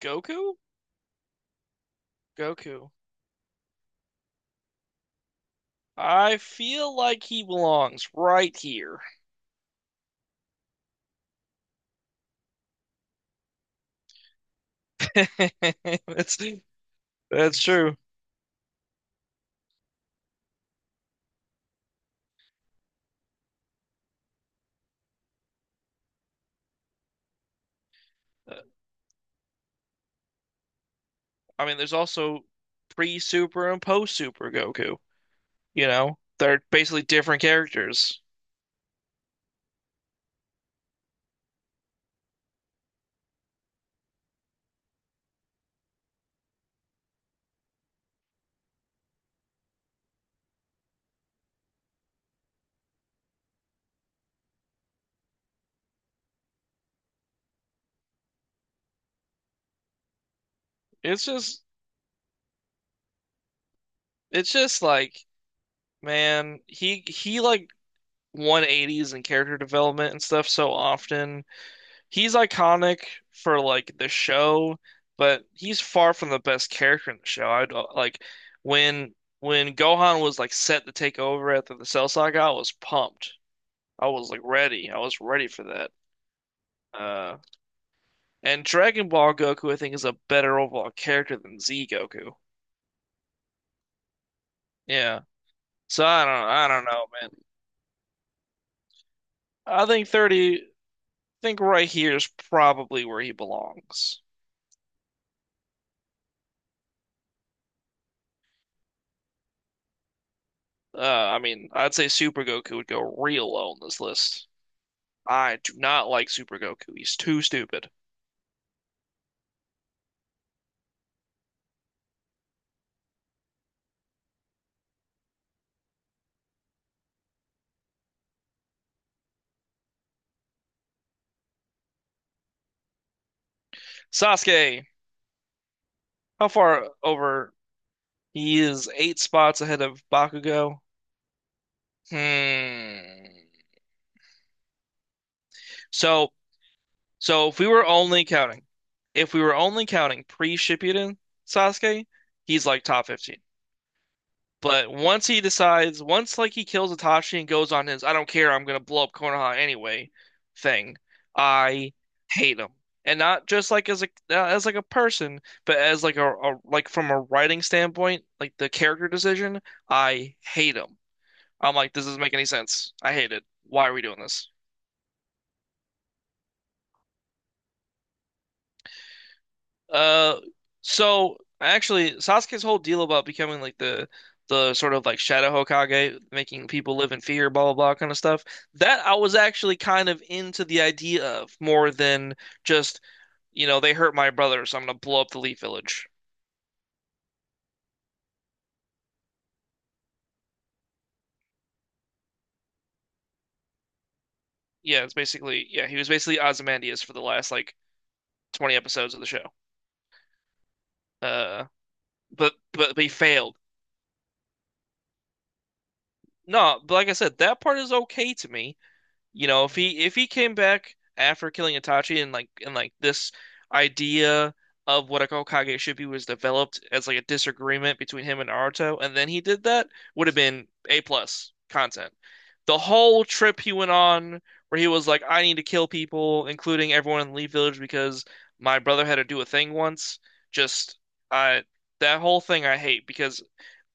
Goku? Goku. I feel like he belongs right here. That's that's true. I mean, there's also pre-Super and post-Super Goku, you know? They're basically different characters. It's just it's just like, man, he like 180s in character development and stuff so often. He's iconic for like the show, but he's far from the best character in the show. I'd like when when Gohan was like set to take over after the Cell Saga, I was pumped. I was like ready. I was ready for that. Uh, and Dragon Ball Goku, I think, is a better overall character than Z Goku. Yeah. So I don't know, man. I think 30, I think right here is probably where he belongs. I mean, I'd say Super Goku would go real low on this list. I do not like Super Goku. He's too stupid. Sasuke, how far over? He is eight spots ahead of Bakugo. Hmm. So, so, if we were only counting pre-Shippuden Sasuke, he's like top 15. But once he decides, once like he kills Itachi and goes on his "I don't care, I'm gonna blow up Konoha anyway" thing, I hate him, and not just like as a as like a person, but as like a like from a writing standpoint, like the character decision, I hate him. I'm like, this doesn't make any sense. I hate it. Why are we doing this? Uh, so actually, Sasuke's whole deal about becoming like the sort of like Shadow Hokage, making people live in fear, blah blah blah, kind of stuff. That I was actually kind of into the idea of more than just, you know, they hurt my brother, so I'm gonna blow up the Leaf Village. Yeah, it's basically yeah, he was basically Ozymandias for the last like 20 episodes of the show. Uh, but he failed. No, but like I said, that part is okay to me. You know, if he came back after killing Itachi and like this idea of what a Hokage should be was developed as like a disagreement between him and Naruto, and then he did that, would have been A plus content. The whole trip he went on where he was like, I need to kill people, including everyone in the Leaf Village because my brother had to do a thing once, just I that whole thing I hate because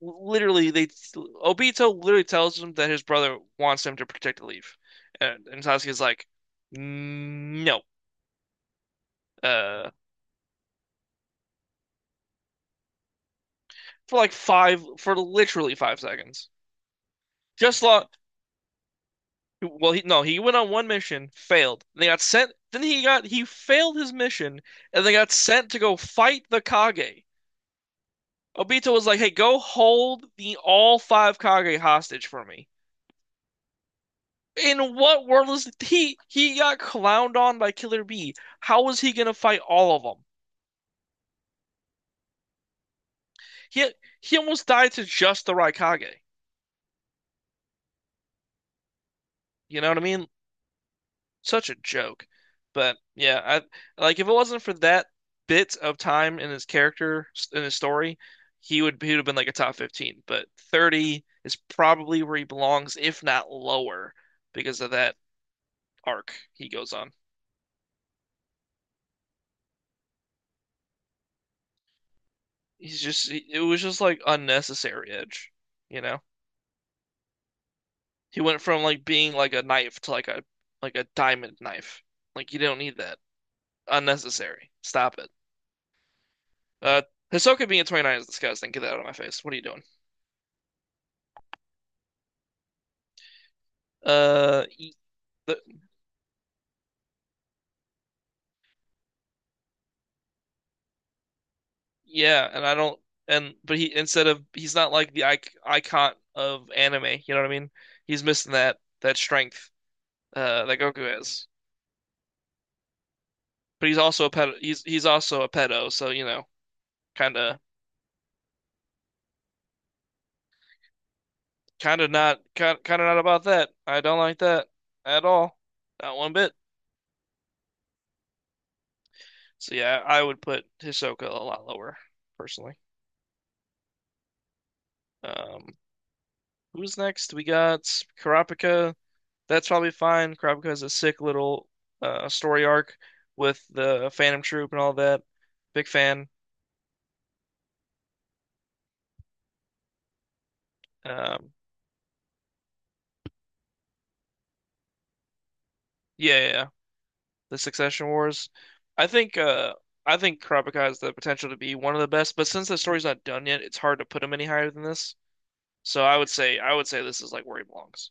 literally they Obito literally tells him that his brother wants him to protect the leaf, and Sasuke's like, no, uh, for like five for literally 5 seconds. Just long. Well he no he went on one mission, failed. They got sent. Then he failed his mission, and they got sent to go fight the Kage. Obito was like, "Hey, go hold the all five Kage hostage for me." In what world is he? He got clowned on by Killer B. How was he gonna fight all of them? He he almost died to just the Raikage. You know what I mean? Such a joke. But yeah, I like if it wasn't for that bit of time in his story, he would have been like a top 15, but 30 is probably where he belongs, if not lower, because of that arc he goes on. He's just it was just like unnecessary edge, you know? He went from like being like a knife to like a diamond knife. Like you don't need that. Unnecessary. Stop it. Uh, Hisoka being a 29 is disgusting. Get that out of my face. What are you doing? Uh, he- the, yeah, and I don't and but he instead of he's not like the icon of anime. You know what I mean? He's missing that strength that Goku has. But he's also a pedo. He's also a pedo. So you know, kind of kind of not about that. I don't like that at all. Not one bit. So yeah, I would put Hisoka a lot lower, personally. Um, who's next? We got Kurapika. That's probably fine. Kurapika has a sick little story arc with the Phantom Troop and all that. Big fan. Um, yeah, yeah, yeah. The Succession Wars. I think uh, I think Kurapika has the potential to be one of the best, but since the story's not done yet, it's hard to put him any higher than this. So I would say this is like where he belongs.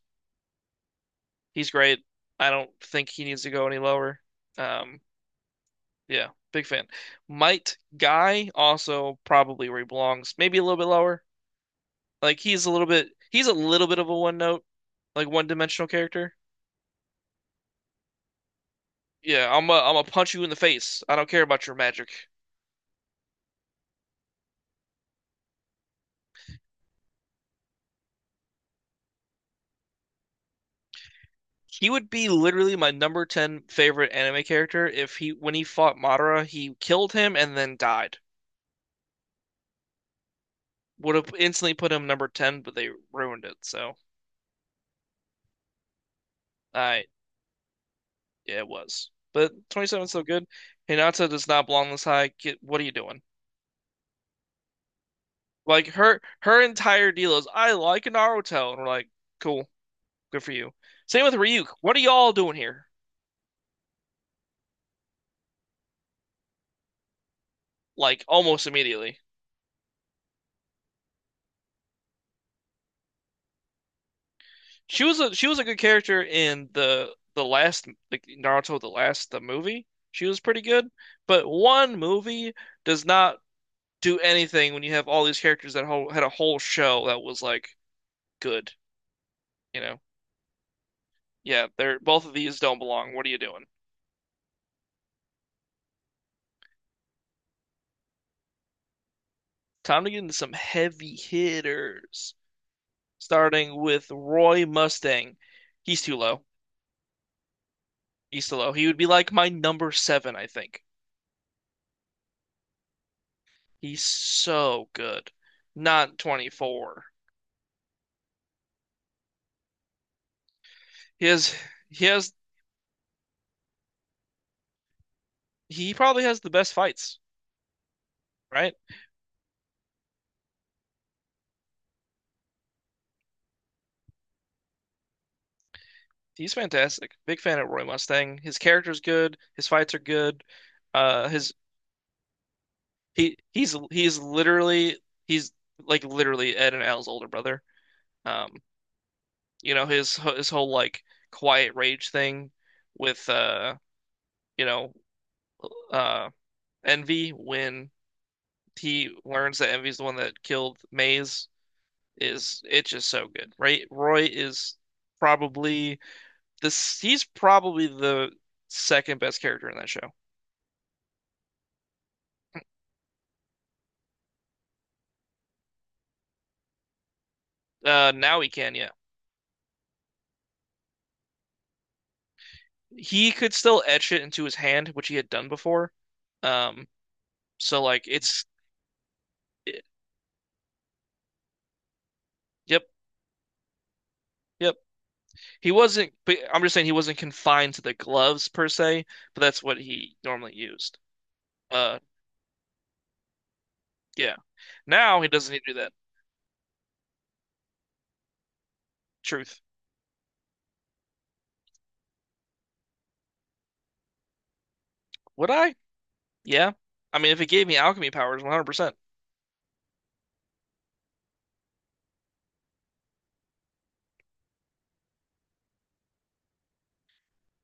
He's great. I don't think he needs to go any lower. Um, Yeah, big fan. Might Guy also probably where he belongs. Maybe a little bit lower. Like he's a little bit of a one note, like one dimensional character. Yeah, I'm a punch you in the face. I don't care about your magic. He would be literally my number 10 favorite anime character if he when he fought Madara, he killed him and then died. Would have instantly put him number 10, but they ruined it. So, I yeah, it was. But 27 is still good. Hinata does not belong this high. Get what are you doing? Like her entire deal is I like Naruto, and we're like, cool, good for you. Same with Ryuk. What are y'all doing here? Like almost immediately. She was a good character in the last like Naruto the last the movie. She was pretty good, but one movie does not do anything when you have all these characters had a whole show that was like good, you know. Yeah, they're both of these don't belong. What are you doing? Time to get into some heavy hitters. Starting with Roy Mustang. He's too low. He's too low. He would be like my number seven, I think. He's so good. Not 24. He has he has he probably has the best fights, right? He's fantastic. Big fan of Roy Mustang. His character's good. His fights are good. His he he's literally he's like literally Ed and Al's older brother. Um, you know his whole like quiet rage thing with you know uh Envy when he learns that Envy's the one that killed Maze is it's just so good, right? Roy is probably this he's probably the second best character in that show. Now he can, yeah. He could still etch it into his hand, which he had done before. Um, so it- yep, yep. He wasn't but I'm just saying he wasn't confined to the gloves per se, but that's what he normally used. Uh yeah. Now he doesn't need to do that. Truth. Would I? Yeah. I mean, if it gave me alchemy powers, 100%.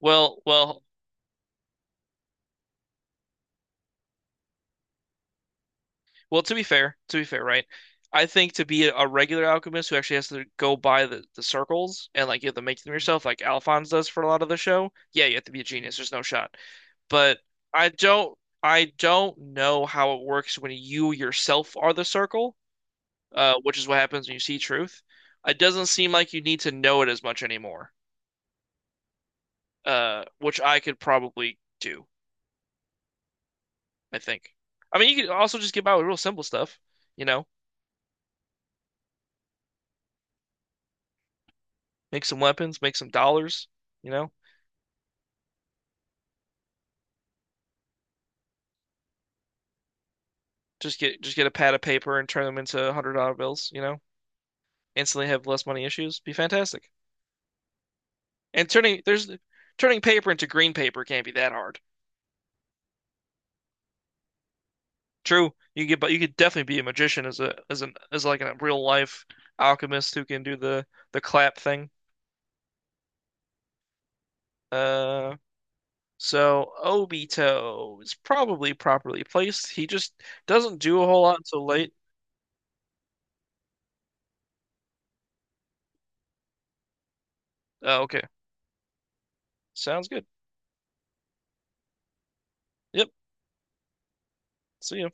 Well, well, well, to be fair, right? I think to be a regular alchemist who actually has to go by the circles and like you have to make them yourself, like Alphonse does for a lot of the show, yeah, you have to be a genius. There's no shot. But I don't I don't know how it works when you yourself are the circle, which is what happens when you see truth. It doesn't seem like you need to know it as much anymore, which I could probably do. I think. I mean, you could also just get by with real simple stuff, you know, make some weapons, make some dollars, you know, just get a pad of paper and turn them into $100 bills, you know, instantly have less money issues. Be fantastic. And turning paper into green paper can't be that hard. True, you could get, but you could definitely be a magician as a as an as like a real life alchemist who can do the clap thing. Uh, so Obito is probably properly placed. He just doesn't do a whole lot until late. Oh, okay. Sounds good. Yep. See ya.